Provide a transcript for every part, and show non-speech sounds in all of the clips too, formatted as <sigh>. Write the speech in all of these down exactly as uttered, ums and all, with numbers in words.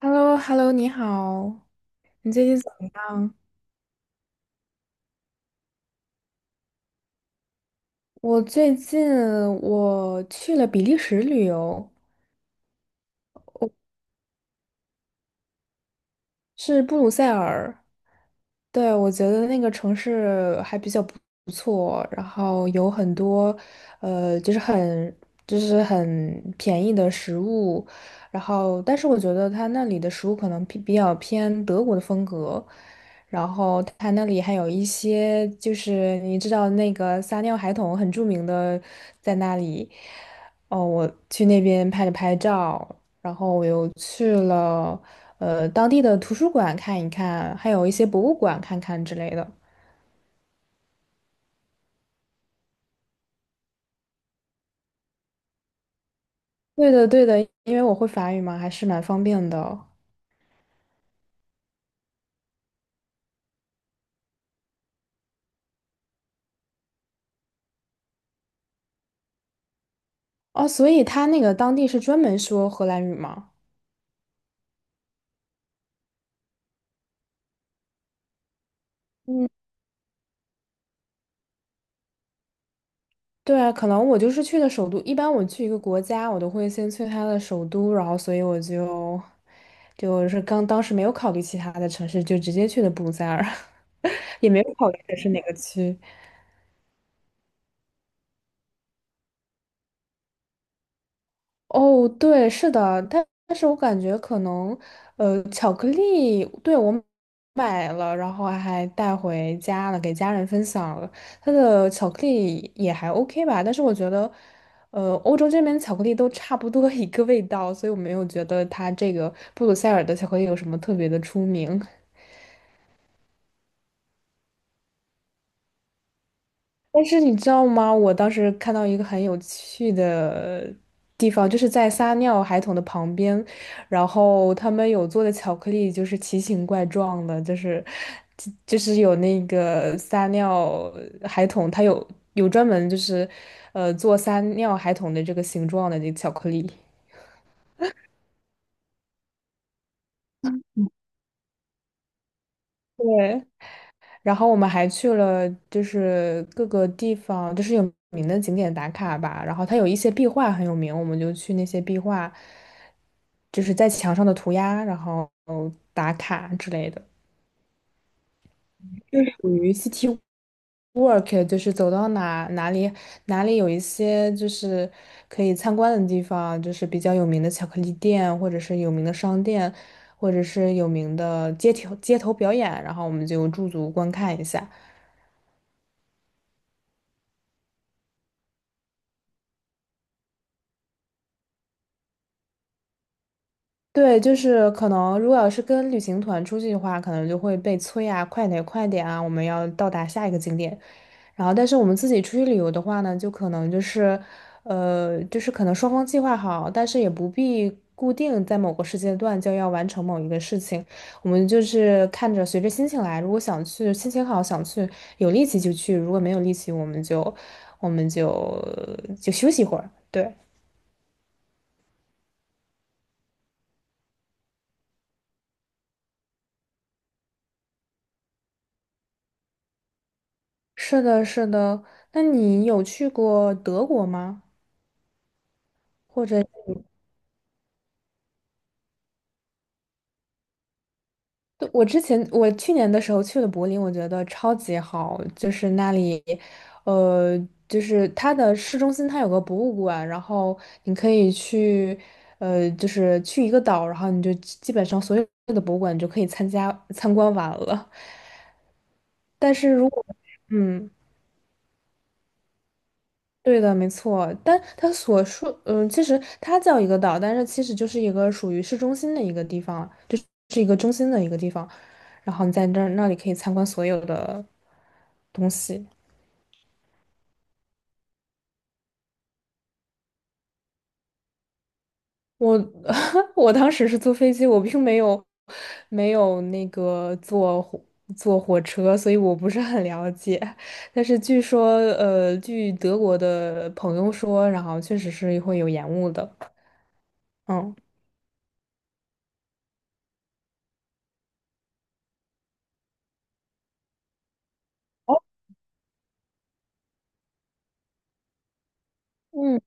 h e l l o h e l l o 你好，你最近怎么样？我最近我去了比利时旅游，是布鲁塞尔。对，我觉得那个城市还比较不不错，然后有很多，呃，就是很就是很便宜的食物，然后但是我觉得他那里的食物可能比比较偏德国的风格，然后他那里还有一些就是你知道那个撒尿孩童很著名的在那里。哦，我去那边拍了拍照，然后我又去了。呃当地的图书馆看一看，还有一些博物馆看看之类的。对的，对的，因为我会法语嘛，还是蛮方便的。哦，所以他那个当地是专门说荷兰语吗？嗯，对啊，可能我就是去的首都。一般我去一个国家，我都会先去他的首都，然后所以我就就是刚当时没有考虑其他的城市，就直接去的布鲁塞尔，<laughs> 也没有考虑的是哪个区。哦，对，是的，但但是我感觉可能，呃，巧克力，对，我买了，然后还带回家了，给家人分享了。它的巧克力也还 OK 吧，但是我觉得，呃，欧洲这边巧克力都差不多一个味道，所以我没有觉得它这个布鲁塞尔的巧克力有什么特别的出名。但是你知道吗？我当时看到一个很有趣的地方，就是在撒尿孩童的旁边，然后他们有做的巧克力就是奇形怪状的，就是就就是有那个撒尿孩童，它有有专门就是呃做撒尿孩童的这个形状的这个巧克力。对，然后我们还去了，就是各个地方，就是有名的景点打卡吧。然后它有一些壁画很有名，我们就去那些壁画，就是在墙上的涂鸦，然后打卡之类的。属于 city walk，就是走到哪哪里哪里有一些就是可以参观的地方，就是比较有名的巧克力店，或者是有名的商店，或者是有名的街头街头表演，然后我们就驻足观看一下。对，就是可能，如果要是跟旅行团出去的话，可能就会被催啊，快点，快点啊，我们要到达下一个景点。然后，但是我们自己出去旅游的话呢，就可能就是，呃，就是可能双方计划好，但是也不必固定在某个时间段就要完成某一个事情。我们就是看着随着心情来，如果想去，心情好想去，有力气就去；如果没有力气，我们就我们就呃就休息一会儿。对。是的，是的。那你有去过德国吗？或者，对我之前我去年的时候去了柏林，我觉得超级好，就是那里，呃，就是它的市中心它有个博物馆，然后你可以去，呃，就是去一个岛，然后你就基本上所有的博物馆你就可以参加参观完了。但是如果，嗯。对的，没错。但它所说，嗯，其实它叫一个岛，但是其实就是一个属于市中心的一个地方，就是一个中心的一个地方。然后你在那那里可以参观所有的东西。我 <laughs> 我当时是坐飞机，我并没有没有那个坐火坐火车，所以我不是很了解。但是据说，呃，据德国的朋友说，然后确实是会有延误的。嗯。哦，嗯，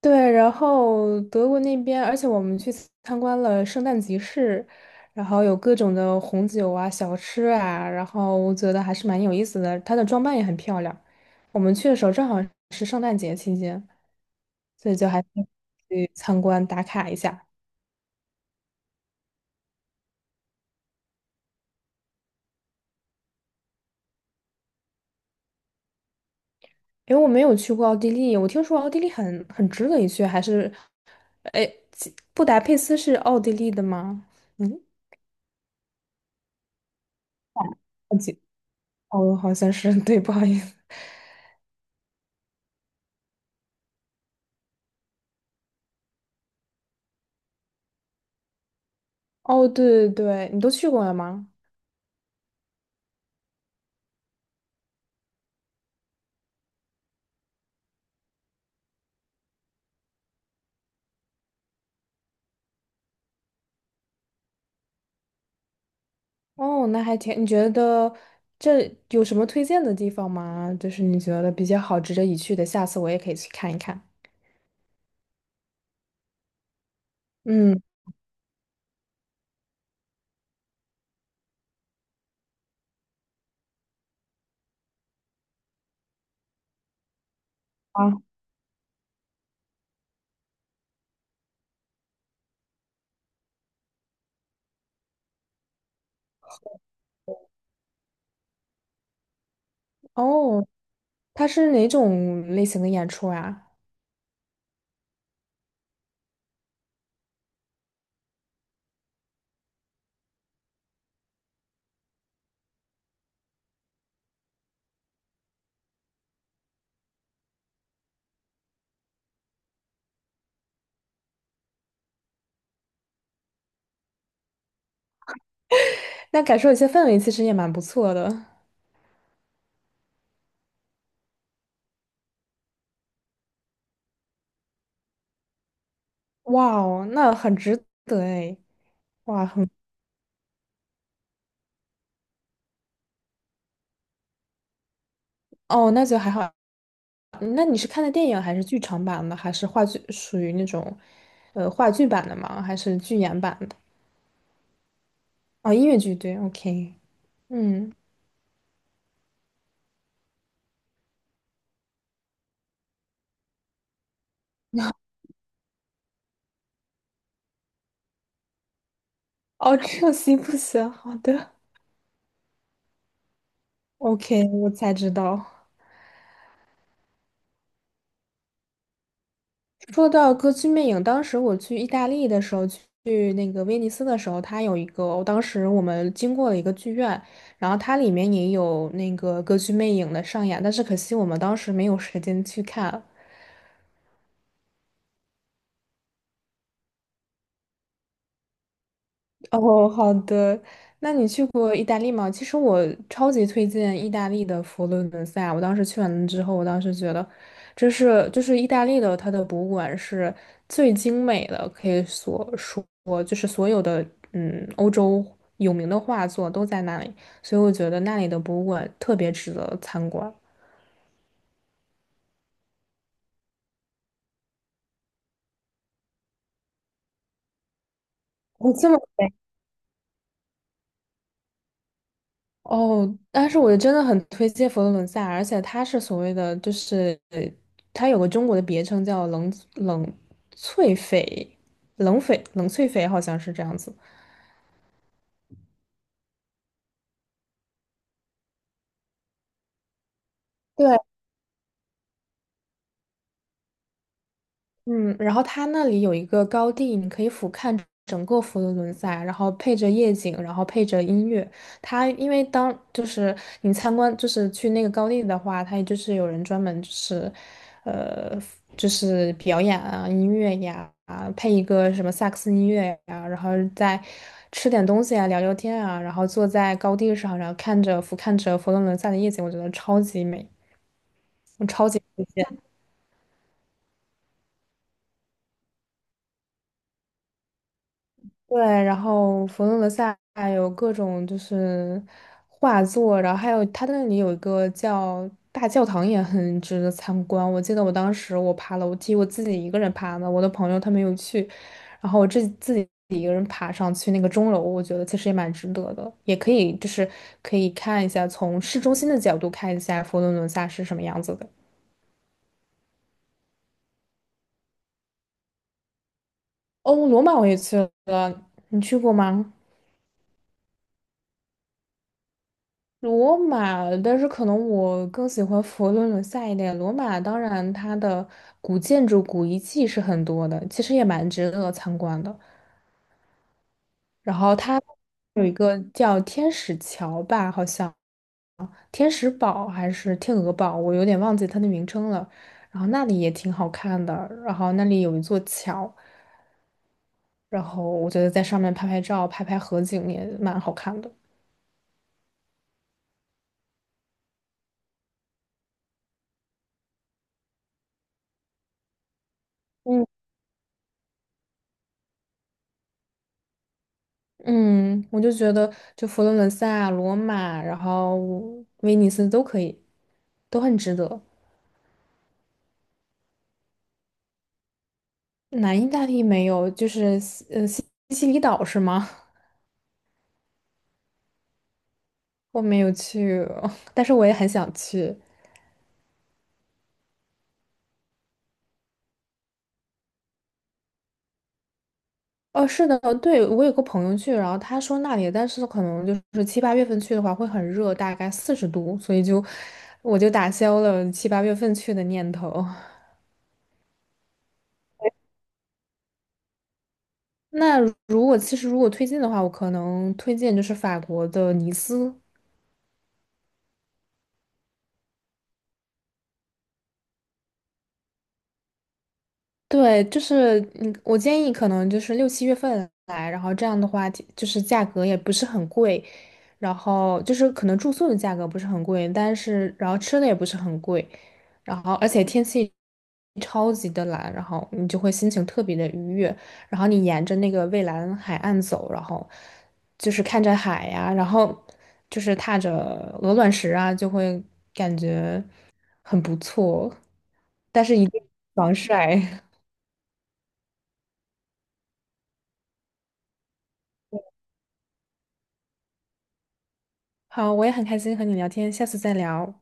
对，然后德国那边，而且我们去参观了圣诞集市，然后有各种的红酒啊、小吃啊，然后我觉得还是蛮有意思的。它的装扮也很漂亮。我们去的时候正好是圣诞节期间，所以就还去参观打卡一下。因为我没有去过奥地利，我听说奥地利很很值得一去，还是，哎，其布达佩斯是奥地利的吗？嗯，好像哦，好像是，<laughs> 对，不好意思。哦，对对对，你都去过了吗？哦，那还挺，你觉得这有什么推荐的地方吗？就是你觉得比较好、值得一去的，下次我也可以去看一看。嗯，啊，哦，它是哪种类型的演出啊？那感受一下氛围，其实也蛮不错的。哇哦，那很值得哎，哇，很，哦，那就还好。嗯那你是看的电影还是剧场版的，还是话剧，属于那种，呃，话剧版的吗？还是剧演版的？哦，音乐剧，对，OK，嗯。哦，这样行不行？好的。OK，我才知道。说到歌剧魅影，当时我去意大利的时候，去去那个威尼斯的时候，它有一个，当时我们经过了一个剧院，然后它里面也有那个歌剧魅影的上演，但是可惜我们当时没有时间去看。哦，好的。那你去过意大利吗？其实我超级推荐意大利的佛罗伦萨。我当时去完了之后，我当时觉得，这是就是意大利的它的博物馆是最精美的，可以所说就是所有的嗯欧洲有名的画作都在那里，所以我觉得那里的博物馆特别值得参观。哦，这么美。哦，但是我真的很推荐佛罗伦萨，而且它是所谓的，就是呃它有个中国的别称叫冷冷翠翡，冷翡冷翠翡好像是这样子。对。嗯，然后它那里有一个高地，你可以俯瞰整个佛罗伦萨，然后配着夜景，然后配着音乐。它因为当就是你参观，就是去那个高地的话，它就是有人专门就是，呃，就是表演啊，音乐呀，啊，配一个什么萨克斯音乐呀，然后再吃点东西啊，聊聊天啊，然后坐在高地上，然后看着俯瞰着佛罗伦萨的夜景，我觉得超级美。超级。对，然后佛罗伦萨有各种就是画作，然后还有它那里有一个叫大教堂，也很值得参观。我记得我当时我爬楼梯，我自己一个人爬的，我的朋友他没有去，然后我自自己一个人爬上去那个钟楼，我觉得其实也蛮值得的，也可以就是可以看一下从市中心的角度看一下佛罗伦萨是什么样子的。哦，罗马我也去了，你去过吗？罗马，但是可能我更喜欢佛罗伦萨一点。罗马当然它的古建筑、古遗迹是很多的，其实也蛮值得参观的。然后它有一个叫天使桥吧，好像天使堡还是天鹅堡，我有点忘记它的名称了。然后那里也挺好看的，然后那里有一座桥，然后我觉得在上面拍拍照、拍拍合景也蛮好看的。嗯。嗯，我就觉得就佛罗伦萨啊、罗马，然后威尼斯都可以，都很值得。南意大利没有，就是西呃西西西里岛是吗？<laughs> 我没有去，<laughs> 但是我也很想去。哦，是的，对，我有个朋友去，然后他说那里，但是可能就是七八月份去的话会很热，大概四十度，所以就我就打消了七八月份去的念头。<laughs> 那如果其实如果推荐的话，我可能推荐就是法国的尼斯。对，就是嗯，我建议可能就是六七月份来，然后这样的话，就是价格也不是很贵，然后就是可能住宿的价格不是很贵，但是然后吃的也不是很贵，然后而且天气超级的蓝，然后你就会心情特别的愉悦，然后你沿着那个蔚蓝海岸走，然后就是看着海呀、然后就是踏着鹅卵石啊，就会感觉很不错，但是一定防晒。好，我也很开心和你聊天，下次再聊，